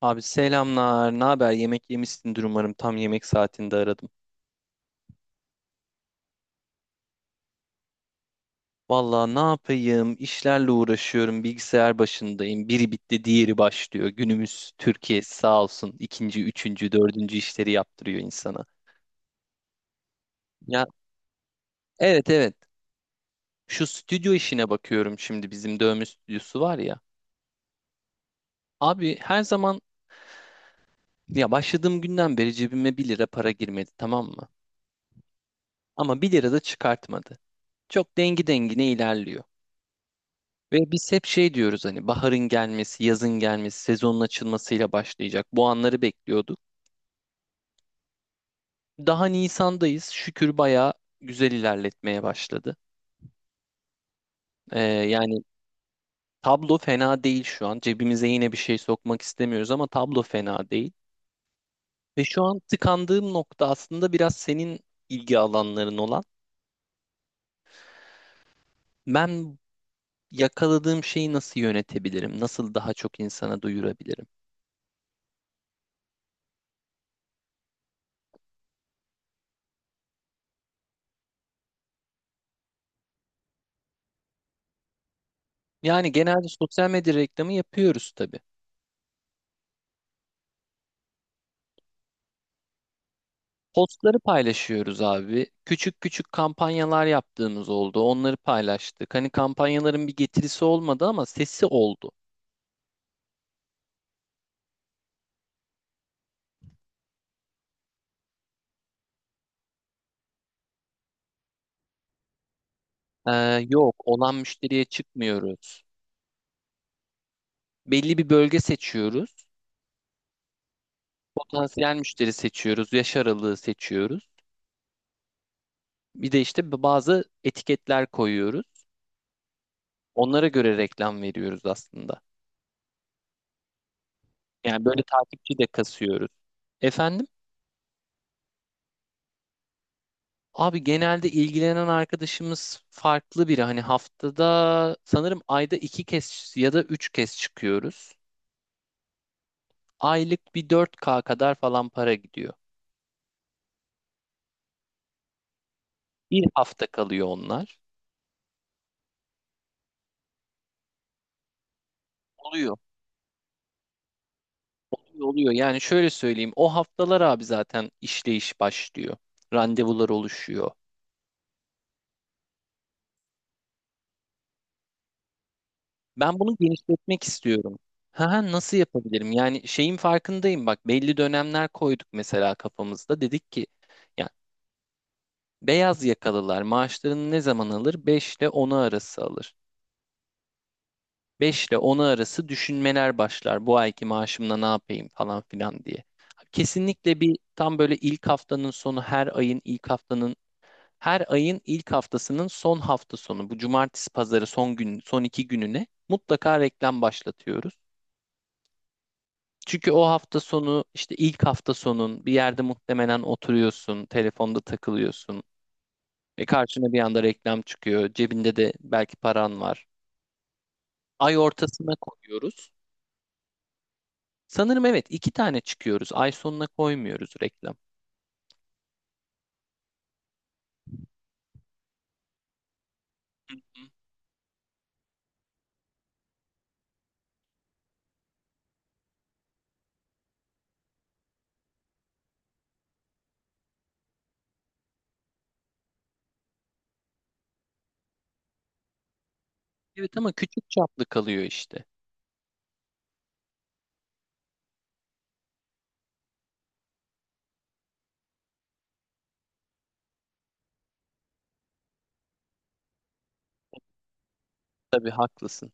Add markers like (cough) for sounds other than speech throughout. Abi selamlar. Ne haber? Yemek yemişsindir umarım. Tam yemek saatinde aradım. Vallahi ne yapayım? İşlerle uğraşıyorum. Bilgisayar başındayım. Biri bitti, diğeri başlıyor. Günümüz Türkiye sağ olsun. İkinci, üçüncü, dördüncü işleri yaptırıyor insana. Ya, evet, evet. Şu stüdyo işine bakıyorum şimdi. Bizim dövme stüdyosu var ya. Abi, her zaman ya, başladığım günden beri cebime bir lira para girmedi, tamam mı? Ama bir lira da çıkartmadı. Çok dengi dengine ilerliyor. Ve biz hep şey diyoruz, hani baharın gelmesi, yazın gelmesi, sezonun açılmasıyla başlayacak. Bu anları bekliyorduk. Daha Nisan'dayız. Şükür bayağı güzel ilerletmeye başladı. Yani tablo fena değil şu an. Cebimize yine bir şey sokmak istemiyoruz ama tablo fena değil. Ve şu an tıkandığım nokta aslında biraz senin ilgi alanların olan. Ben yakaladığım şeyi nasıl yönetebilirim? Nasıl daha çok insana duyurabilirim? Yani genelde sosyal medya reklamı yapıyoruz tabii. Postları paylaşıyoruz abi. Küçük küçük kampanyalar yaptığımız oldu. Onları paylaştık. Hani kampanyaların bir getirisi olmadı ama sesi oldu. Ee, Yok, olan müşteriye çıkmıyoruz. Belli bir bölge seçiyoruz. Potansiyel müşteri seçiyoruz. Yaş aralığı seçiyoruz. Bir de işte bazı etiketler koyuyoruz. Onlara göre reklam veriyoruz aslında. Yani böyle takipçi de kasıyoruz. Efendim? Abi genelde ilgilenen arkadaşımız farklı biri. Hani haftada sanırım ayda iki kez ya da üç kez çıkıyoruz. Aylık bir 4K kadar falan para gidiyor. Bir hafta kalıyor onlar. Oluyor, oluyor, oluyor. Yani şöyle söyleyeyim, o haftalar abi zaten işleyiş başlıyor. Randevular oluşuyor. Ben bunu genişletmek istiyorum. Ha, ha, nasıl yapabilirim? Yani şeyin farkındayım, bak belli dönemler koyduk mesela kafamızda. Dedik ki ya, beyaz yakalılar maaşlarını ne zaman alır? 5 ile onu arası alır. 5 ile onu arası düşünmeler başlar. Bu ayki maaşımla ne yapayım falan filan diye. Kesinlikle bir tam böyle ilk haftanın sonu, her ayın ilk haftasının son hafta sonu, bu cumartesi pazarı son gün son iki gününe mutlaka reklam başlatıyoruz. Çünkü o hafta sonu işte ilk hafta sonun bir yerde muhtemelen oturuyorsun, telefonda takılıyorsun. E, karşına bir anda reklam çıkıyor. Cebinde de belki paran var. Ay ortasına koyuyoruz. Sanırım evet iki tane çıkıyoruz. Ay sonuna koymuyoruz reklam. Hı. Evet ama küçük çaplı kalıyor işte. Tabii haklısın.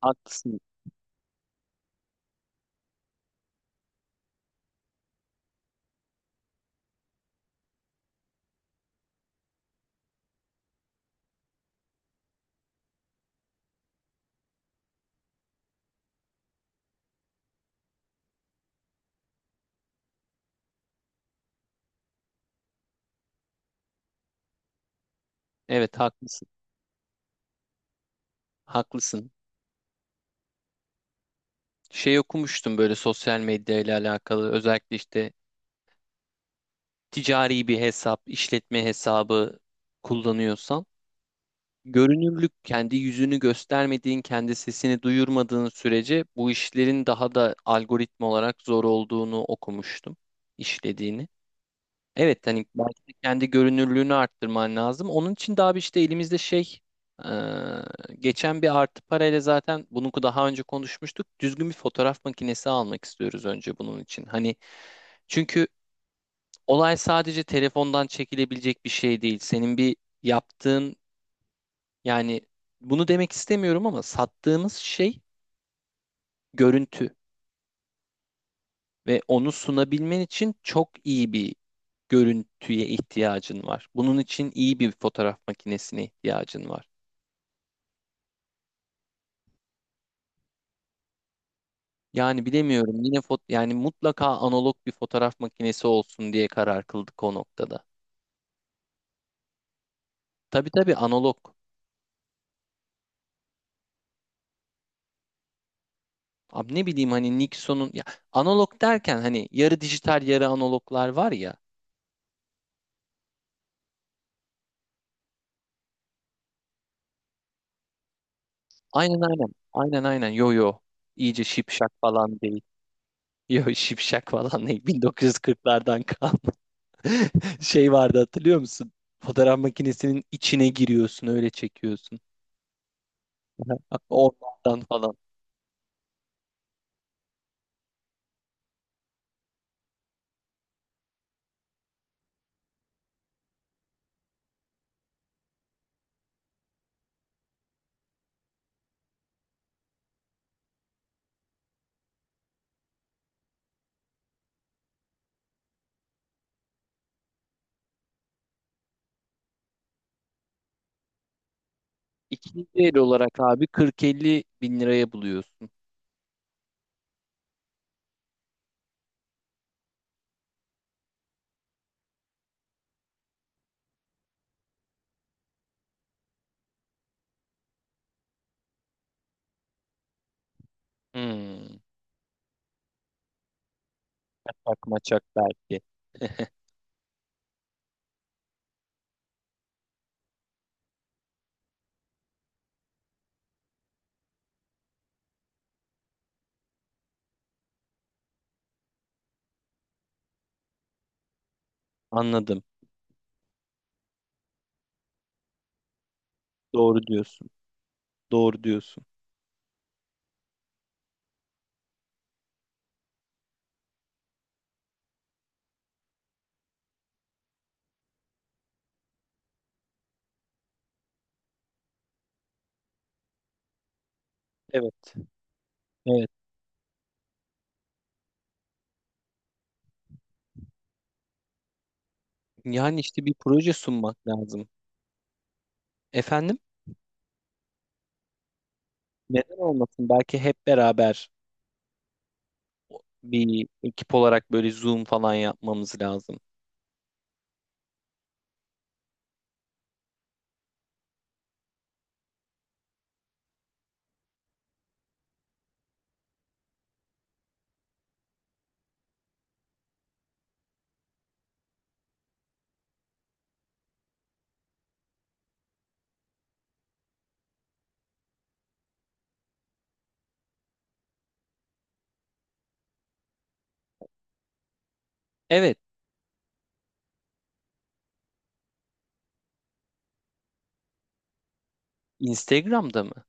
Haklısın. Evet haklısın. Haklısın. Şey okumuştum, böyle sosyal medya ile alakalı, özellikle işte ticari bir hesap, işletme hesabı kullanıyorsan görünürlük, kendi yüzünü göstermediğin, kendi sesini duyurmadığın sürece bu işlerin daha da algoritma olarak zor olduğunu okumuştum, işlediğini. Evet, hani belki de kendi görünürlüğünü arttırman lazım. Onun için daha bir işte elimizde şey, e, geçen bir artı parayla zaten bunu daha önce konuşmuştuk. Düzgün bir fotoğraf makinesi almak istiyoruz önce bunun için. Hani çünkü olay sadece telefondan çekilebilecek bir şey değil. Senin bir yaptığın yani bunu demek istemiyorum ama sattığımız şey görüntü ve onu sunabilmen için çok iyi bir görüntüye ihtiyacın var. Bunun için iyi bir fotoğraf makinesine ihtiyacın var. Yani bilemiyorum, yine yani mutlaka analog bir fotoğraf makinesi olsun diye karar kıldık o noktada. Tabii tabii analog. Abi ne bileyim hani Nikon'un ya, analog derken hani yarı dijital yarı analoglar var ya. Aynen aynen. Aynen aynen. Yo yo. İyice şipşak falan değil. Yo, şipşak falan değil. 1940'lardan kalma. (laughs) Şey vardı hatırlıyor musun? Fotoğraf makinesinin içine giriyorsun öyle çekiyorsun. Aha. Onlardan falan. İkinci el olarak abi 40-50 bin liraya buluyorsun. Hmm. Maçak maçak belki. (laughs) Anladım. Doğru diyorsun. Doğru diyorsun. Evet. Evet. Yani işte bir proje sunmak lazım. Efendim? Neden olmasın? Belki hep beraber bir ekip olarak böyle Zoom falan yapmamız lazım. Evet. Instagram'da mı?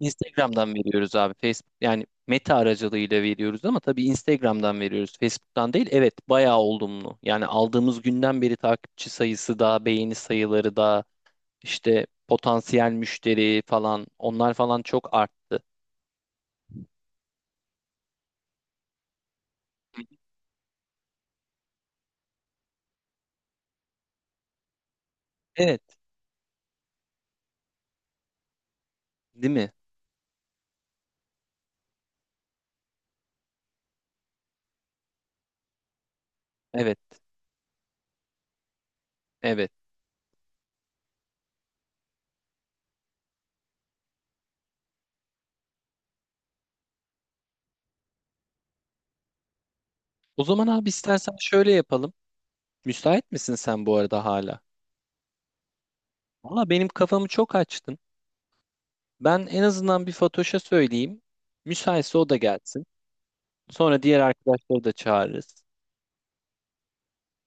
Instagram'dan veriyoruz abi. Facebook yani Meta aracılığıyla veriyoruz ama tabii Instagram'dan veriyoruz. Facebook'tan değil. Evet, bayağı olumlu. Yani aldığımız günden beri takipçi sayısı da, beğeni sayıları da, işte potansiyel müşteri falan onlar falan çok arttı. Evet, değil mi? Evet, evet. O zaman abi istersen şöyle yapalım. Müsait misin sen bu arada hala? Valla benim kafamı çok açtın. Ben en azından bir Fatoş'a söyleyeyim. Müsaitse o da gelsin. Sonra diğer arkadaşları da çağırırız.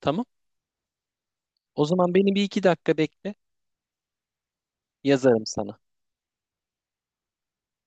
Tamam. O zaman beni bir iki dakika bekle. Yazarım sana.